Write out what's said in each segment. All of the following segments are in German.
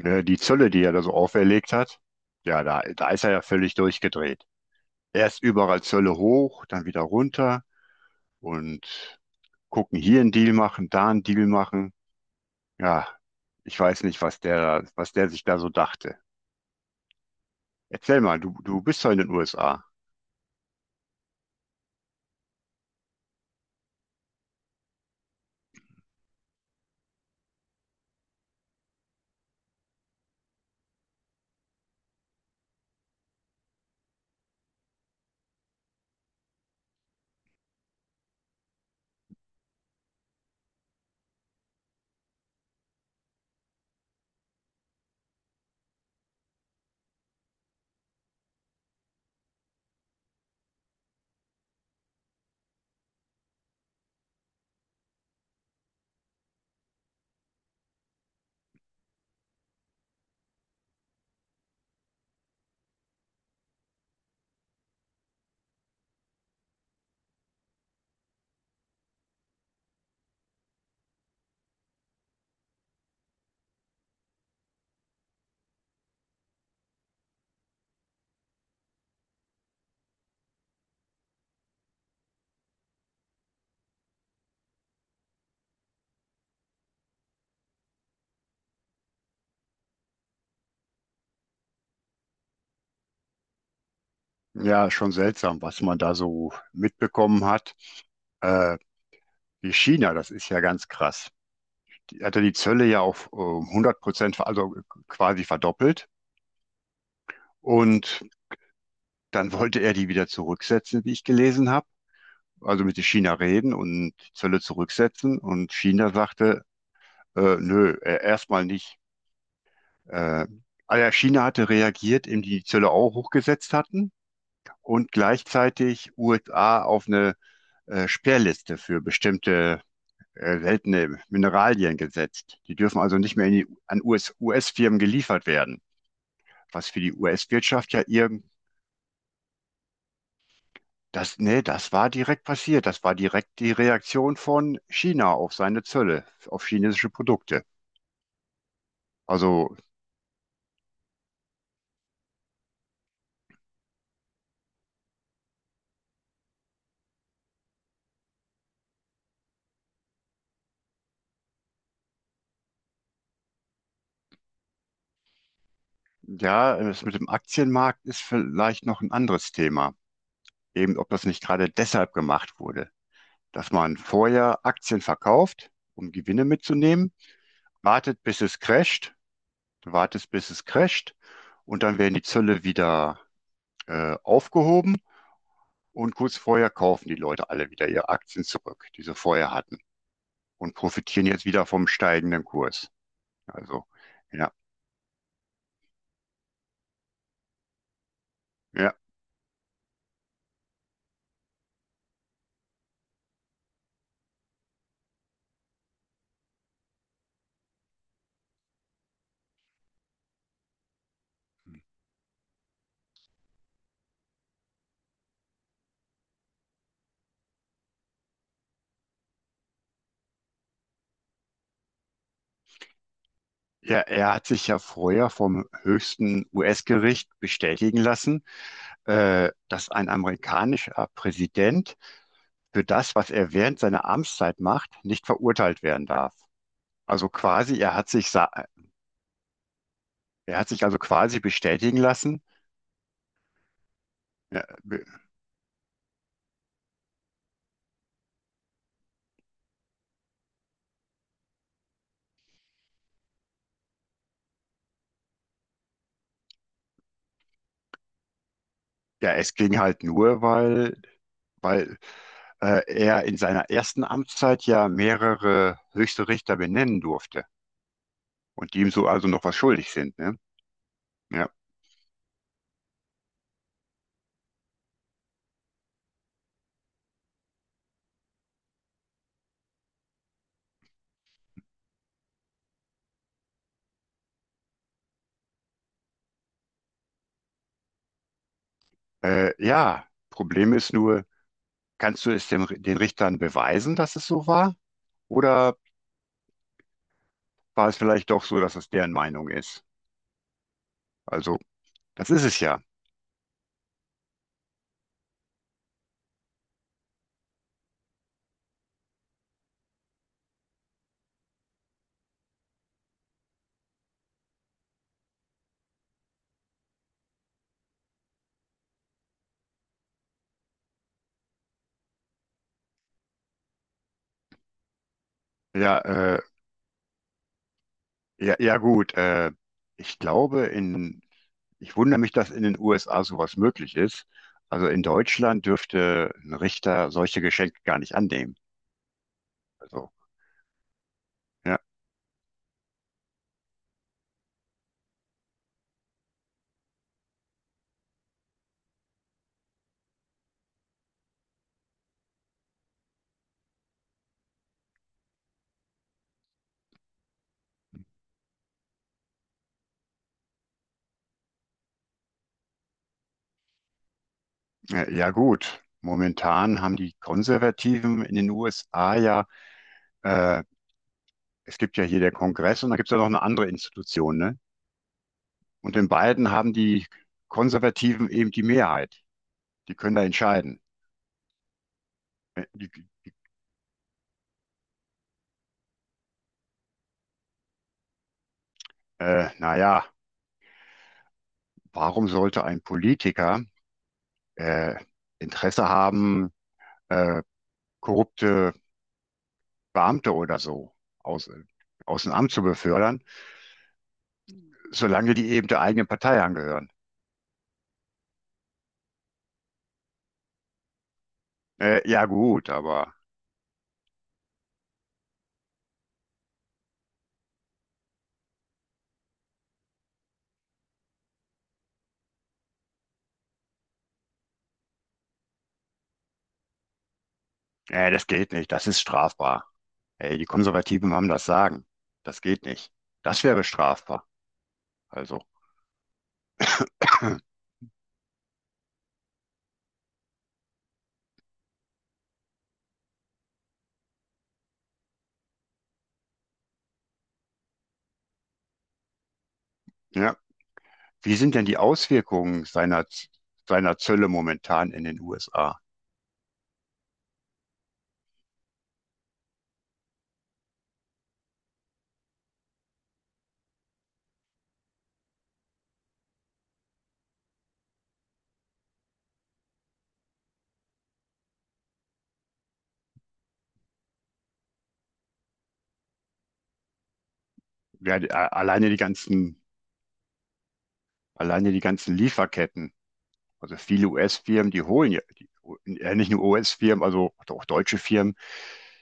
Die Zölle, die er da so auferlegt hat, ja, da ist er ja völlig durchgedreht. Erst überall Zölle hoch, dann wieder runter und gucken, hier einen Deal machen, da einen Deal machen. Ja, ich weiß nicht, was der sich da so dachte. Erzähl mal, du bist ja in den USA. Ja, schon seltsam, was man da so mitbekommen hat. Äh, Wie China, das ist ja ganz krass. Die hat ja die Zölle ja auf 100%, also quasi verdoppelt. Und dann wollte er die wieder zurücksetzen, wie ich gelesen habe. Also mit China reden und die Zölle zurücksetzen. Und China sagte, nö, erstmal nicht. Äh, also China hatte reagiert, indem die Zölle auch hochgesetzt hatten und gleichzeitig USA auf eine Sperrliste für bestimmte seltene Mineralien gesetzt. Die dürfen also nicht mehr in die, an US-Firmen geliefert werden, was für die US-Wirtschaft ja ir Das, nee, das war direkt passiert. Das war direkt die Reaktion von China auf seine Zölle, auf chinesische Produkte. Also ja, das mit dem Aktienmarkt ist vielleicht noch ein anderes Thema. Eben, ob das nicht gerade deshalb gemacht wurde, dass man vorher Aktien verkauft, um Gewinne mitzunehmen, wartet, bis es crasht, wartet, bis es crasht, und dann werden die Zölle wieder aufgehoben, und kurz vorher kaufen die Leute alle wieder ihre Aktien zurück, die sie vorher hatten, und profitieren jetzt wieder vom steigenden Kurs. Also, ja, ja. Ja, er hat sich ja vorher vom höchsten US-Gericht bestätigen lassen, dass ein amerikanischer Präsident für das, was er während seiner Amtszeit macht, nicht verurteilt werden darf. Also quasi, er hat sich also quasi bestätigen lassen. Ja, be- ja, es ging halt nur, weil, weil er in seiner ersten Amtszeit ja mehrere höchste Richter benennen durfte, und die ihm so also noch was schuldig sind, ne? Ja. Ja, Problem ist nur, kannst du es dem, den Richtern beweisen, dass es so war? Oder war es vielleicht doch so, dass es deren Meinung ist? Also, das ist es ja. Ja, äh, Ja, ja gut, ich glaube in, ich wundere mich, dass in den USA sowas möglich ist. Also in Deutschland dürfte ein Richter solche Geschenke gar nicht annehmen. Also, ja, ja gut. Momentan haben die Konservativen in den USA ja, äh, es gibt ja hier der Kongress, und da gibt es ja noch eine andere Institution, ne? Und in beiden haben die Konservativen eben die Mehrheit. Die können da entscheiden. Äh, die, naja, warum sollte ein Politiker äh, Interesse haben, äh, korrupte Beamte oder so aus, aus dem Amt zu befördern, solange die eben der eigenen Partei angehören. Ja gut, aber das geht nicht, das ist strafbar. Ey, die Konservativen haben das Sagen. Das geht nicht. Das wäre strafbar. Also, ja. Wie sind denn die Auswirkungen seiner Zölle momentan in den USA? Ja, alleine die ganzen Lieferketten. Also viele US-Firmen, die holen ja, die, nicht nur US-Firmen, also auch deutsche Firmen,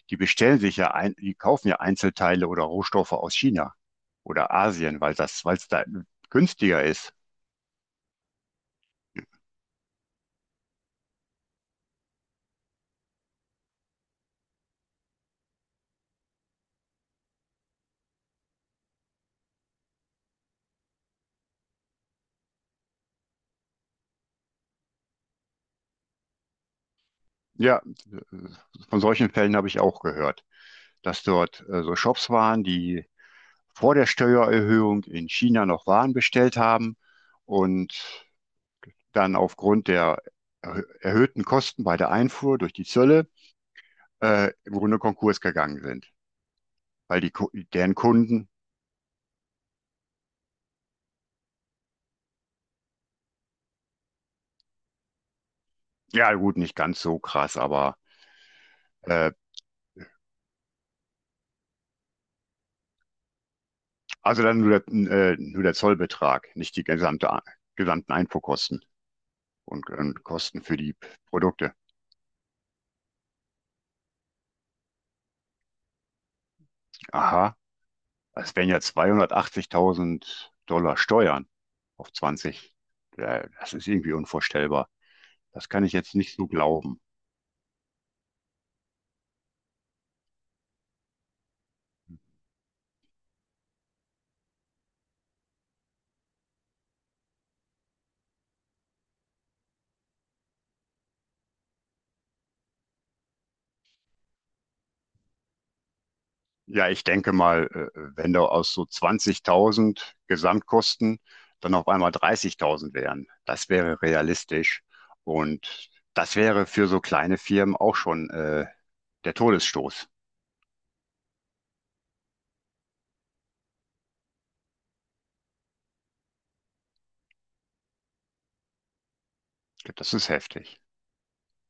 die kaufen ja Einzelteile oder Rohstoffe aus China oder Asien, weil weil es da günstiger ist. Ja, von solchen Fällen habe ich auch gehört, dass dort so Shops waren, die vor der Steuererhöhung in China noch Waren bestellt haben und dann aufgrund der erhöhten Kosten bei der Einfuhr durch die Zölle im Grunde Konkurs gegangen sind, weil die, deren Kunden, ja gut, nicht ganz so krass, aber äh, also dann nur der Zollbetrag, nicht die gesamten Einfuhrkosten und Kosten für die Produkte. Aha, das wären ja 280.000 Dollar Steuern auf 20. Ja, das ist irgendwie unvorstellbar. Das kann ich jetzt nicht so glauben. Ja, ich denke mal, wenn da aus so 20.000 Gesamtkosten dann auf einmal 30.000 wären, das wäre realistisch. Und das wäre für so kleine Firmen auch schon der Todesstoß. Das ist heftig.